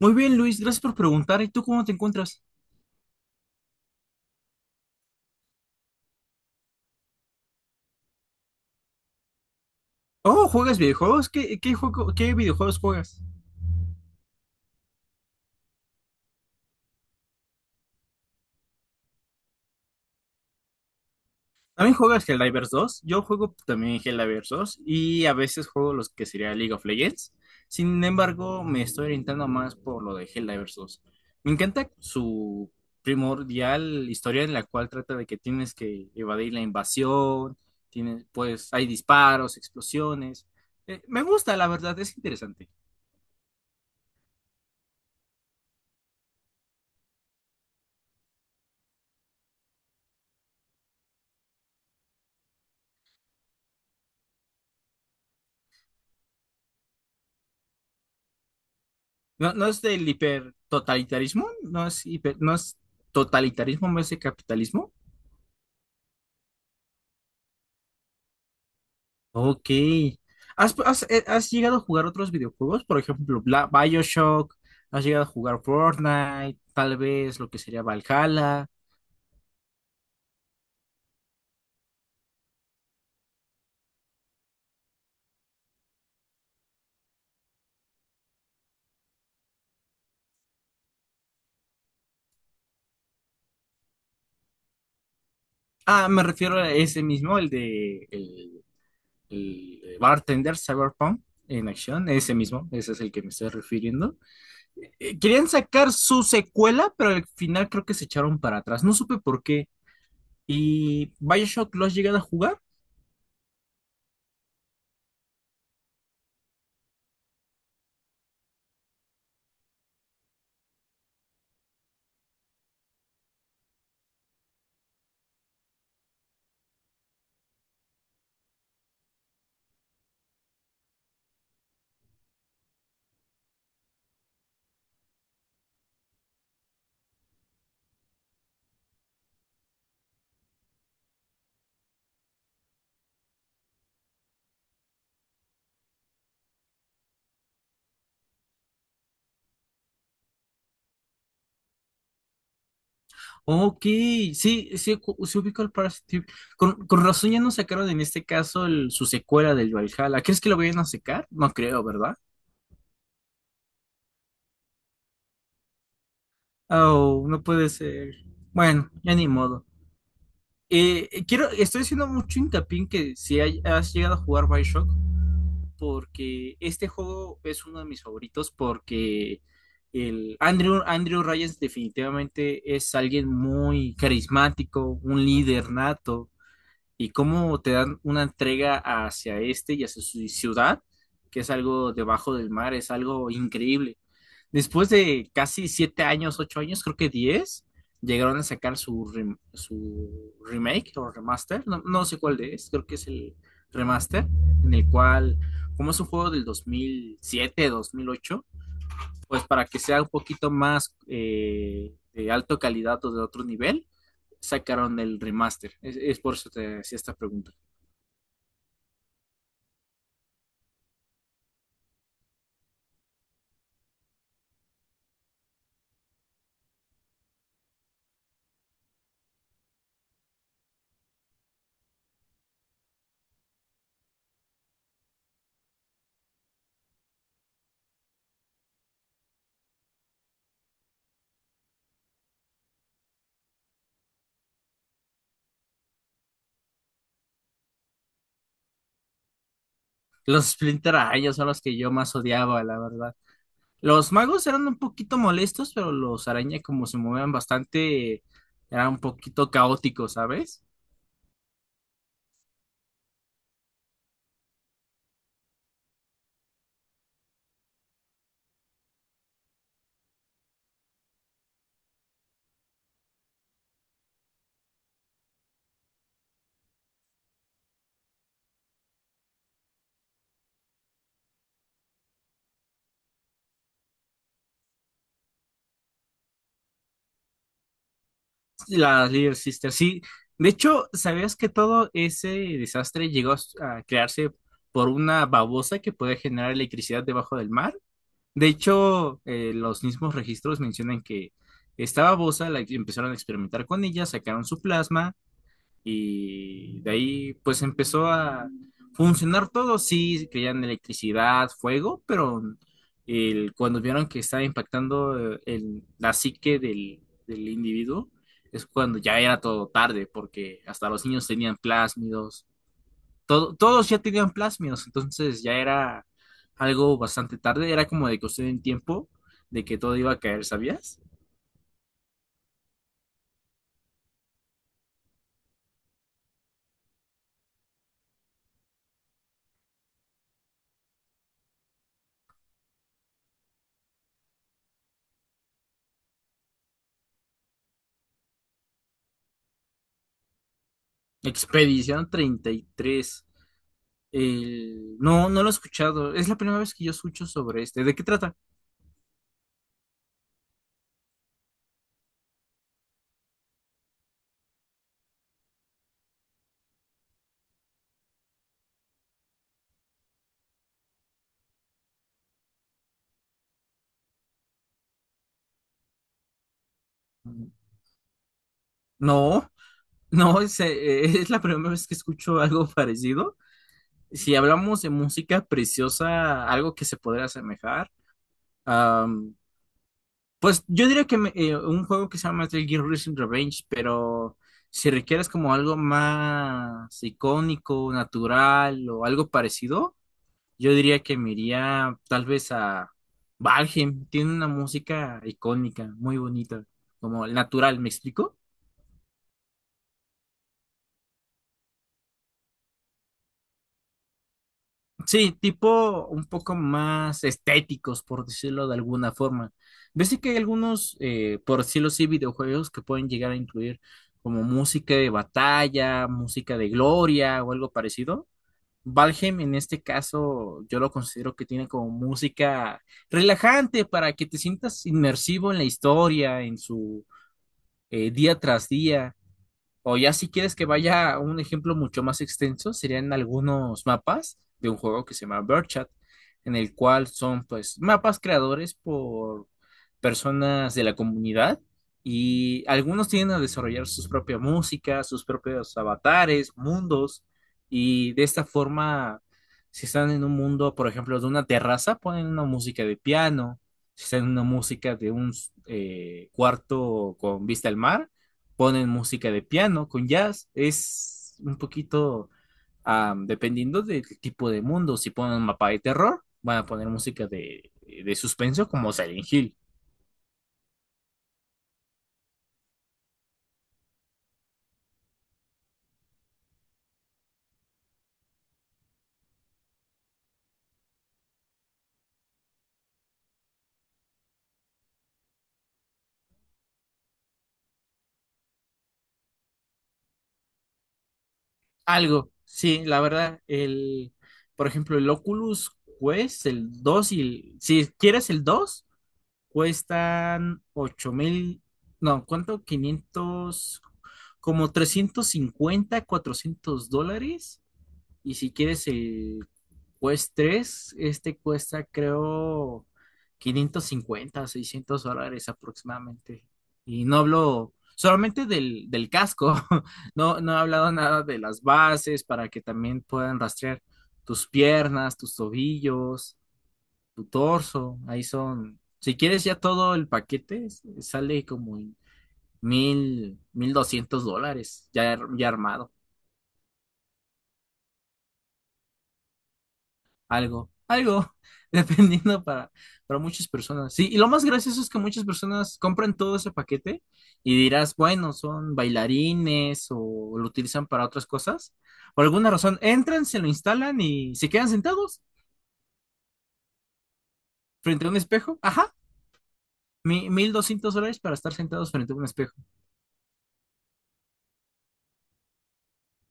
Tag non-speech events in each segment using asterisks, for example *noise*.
Muy bien, Luis, gracias por preguntar. ¿Y tú cómo te encuentras? Oh, ¿juegas videojuegos? ¿Qué qué videojuegos juegas? ¿También juegas Helldivers 2? Yo juego también Helldivers 2 y a veces juego los que sería League of Legends. Sin embargo, me estoy orientando más por lo de Helldivers 2. Me encanta su primordial historia en la cual trata de que tienes que evadir la invasión, tienes, pues hay disparos, explosiones. Me gusta, la verdad, es interesante. No, no es del hipertotalitarismo, no es hiper, no es totalitarismo, no es de capitalismo. Ok. ¿ Has llegado a jugar otros videojuegos? Por ejemplo, BioShock, has llegado a jugar Fortnite, tal vez lo que sería Valhalla. Ah, me refiero a ese mismo, el de el Bartender Cyberpunk en acción, ese mismo, ese es el que me estoy refiriendo. Querían sacar su secuela, pero al final creo que se echaron para atrás. No supe por qué. ¿Y Bioshock lo has llegado a jugar? Ok, sí, sí, sí ubico el Parasite. Con razón ya no sacaron en este caso su secuela del Valhalla. ¿Crees que lo vayan a sacar? No creo, ¿verdad? Oh, no puede ser. Bueno, ya ni modo. Estoy haciendo mucho hincapié en que si hay- has llegado a jugar Bioshock, porque este juego es uno de mis favoritos, porque el Andrew, Andrew Ryan definitivamente es alguien muy carismático, un líder nato. Y cómo te dan una entrega hacia este y hacia su ciudad, que es algo debajo del mar, es algo increíble. Después de casi 7 años, 8 años, creo que diez, llegaron a sacar su, su remake o remaster, no, no sé cuál de es, creo que es el remaster, en el cual, como es un juego del 2007 2008, pues para que sea un poquito más de alta calidad o de otro nivel, sacaron el remaster. Es por eso te hacía esta pregunta. Los Splinter Araña son los que yo más odiaba, la verdad. Los magos eran un poquito molestos, pero los araña, como se movían bastante, eran un poquito caóticos, ¿sabes? Las Little Sisters, sí. De hecho, ¿sabías que todo ese desastre llegó a crearse por una babosa que puede generar electricidad debajo del mar? De hecho, los mismos registros mencionan que esta babosa la empezaron a experimentar con ella, sacaron su plasma. Y de ahí pues empezó a funcionar todo, sí, creían electricidad, fuego, pero cuando vieron que estaba impactando la psique del individuo, es cuando ya era todo tarde, porque hasta los niños tenían plásmidos, todos ya tenían plásmidos, entonces ya era algo bastante tarde, era como de cuestión en tiempo de que todo iba a caer, ¿sabías? Expedición treinta y tres. No, no lo he escuchado. Es la primera vez que yo escucho sobre este. ¿De qué trata? Mm, no, *laughs* no, es la primera vez que escucho algo parecido. Si hablamos de música preciosa, algo que se podría asemejar, um, pues yo diría que un juego que se llama Metal Gear Rising Revenge, pero si requieres como algo más icónico, natural o algo parecido, yo diría que me iría tal vez a Valheim. Tiene una música icónica, muy bonita, como el natural, ¿me explico? Sí, tipo un poco más estéticos, por decirlo de alguna forma. Yo sé que hay algunos, por decirlo así, videojuegos que pueden llegar a incluir como música de batalla, música de gloria o algo parecido. Valheim en este caso yo lo considero que tiene como música relajante para que te sientas inmersivo en la historia, en su día tras día. O ya si quieres que vaya a un ejemplo mucho más extenso, serían algunos mapas de un juego que se llama Birdchat, en el cual son pues mapas creadores por personas de la comunidad y algunos tienden a desarrollar sus propias músicas, sus propios avatares, mundos y de esta forma, si están en un mundo, por ejemplo, de una terraza, ponen una música de piano, si están en una música de un cuarto con vista al mar, ponen música de piano con jazz, es un poquito dependiendo del tipo de mundo, si ponen un mapa de terror, van a poner música de suspenso como Silent Hill. Algo, sí, la verdad, el, por ejemplo, el Oculus Quest, el dos y el, si quieres el 2 cuestan 8.000, no, ¿cuánto? 500, como 350 400 dólares. Y si quieres el, pues 3, este cuesta creo 550, 600 dólares aproximadamente. Y no hablo solamente del casco, *laughs* no, no he hablado nada de las bases para que también puedan rastrear tus piernas, tus tobillos, tu torso. Ahí son, si quieres ya todo el paquete, sale como en mil, 1.200 dólares ya, ya armado. Algo, algo, *laughs* dependiendo para muchas personas. Sí, y lo más gracioso es que muchas personas compran todo ese paquete y dirás, bueno, son bailarines o lo utilizan para otras cosas. Por alguna razón, entran, se lo instalan y se quedan sentados frente a un espejo. Ajá, 1.200 dólares para estar sentados frente a un espejo.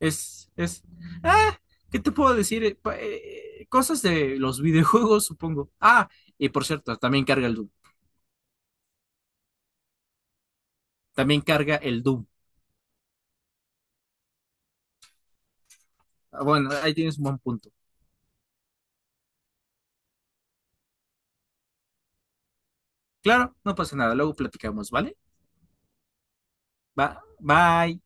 Es, es, ah, ¿Qué te puedo decir? Cosas de los *laughs* videojuegos, supongo. Ah, y por cierto, también carga el Doom. También carga el Doom. Ah, bueno, ahí tienes un buen punto. Claro, no pasa nada, luego platicamos, ¿vale? Va, bye.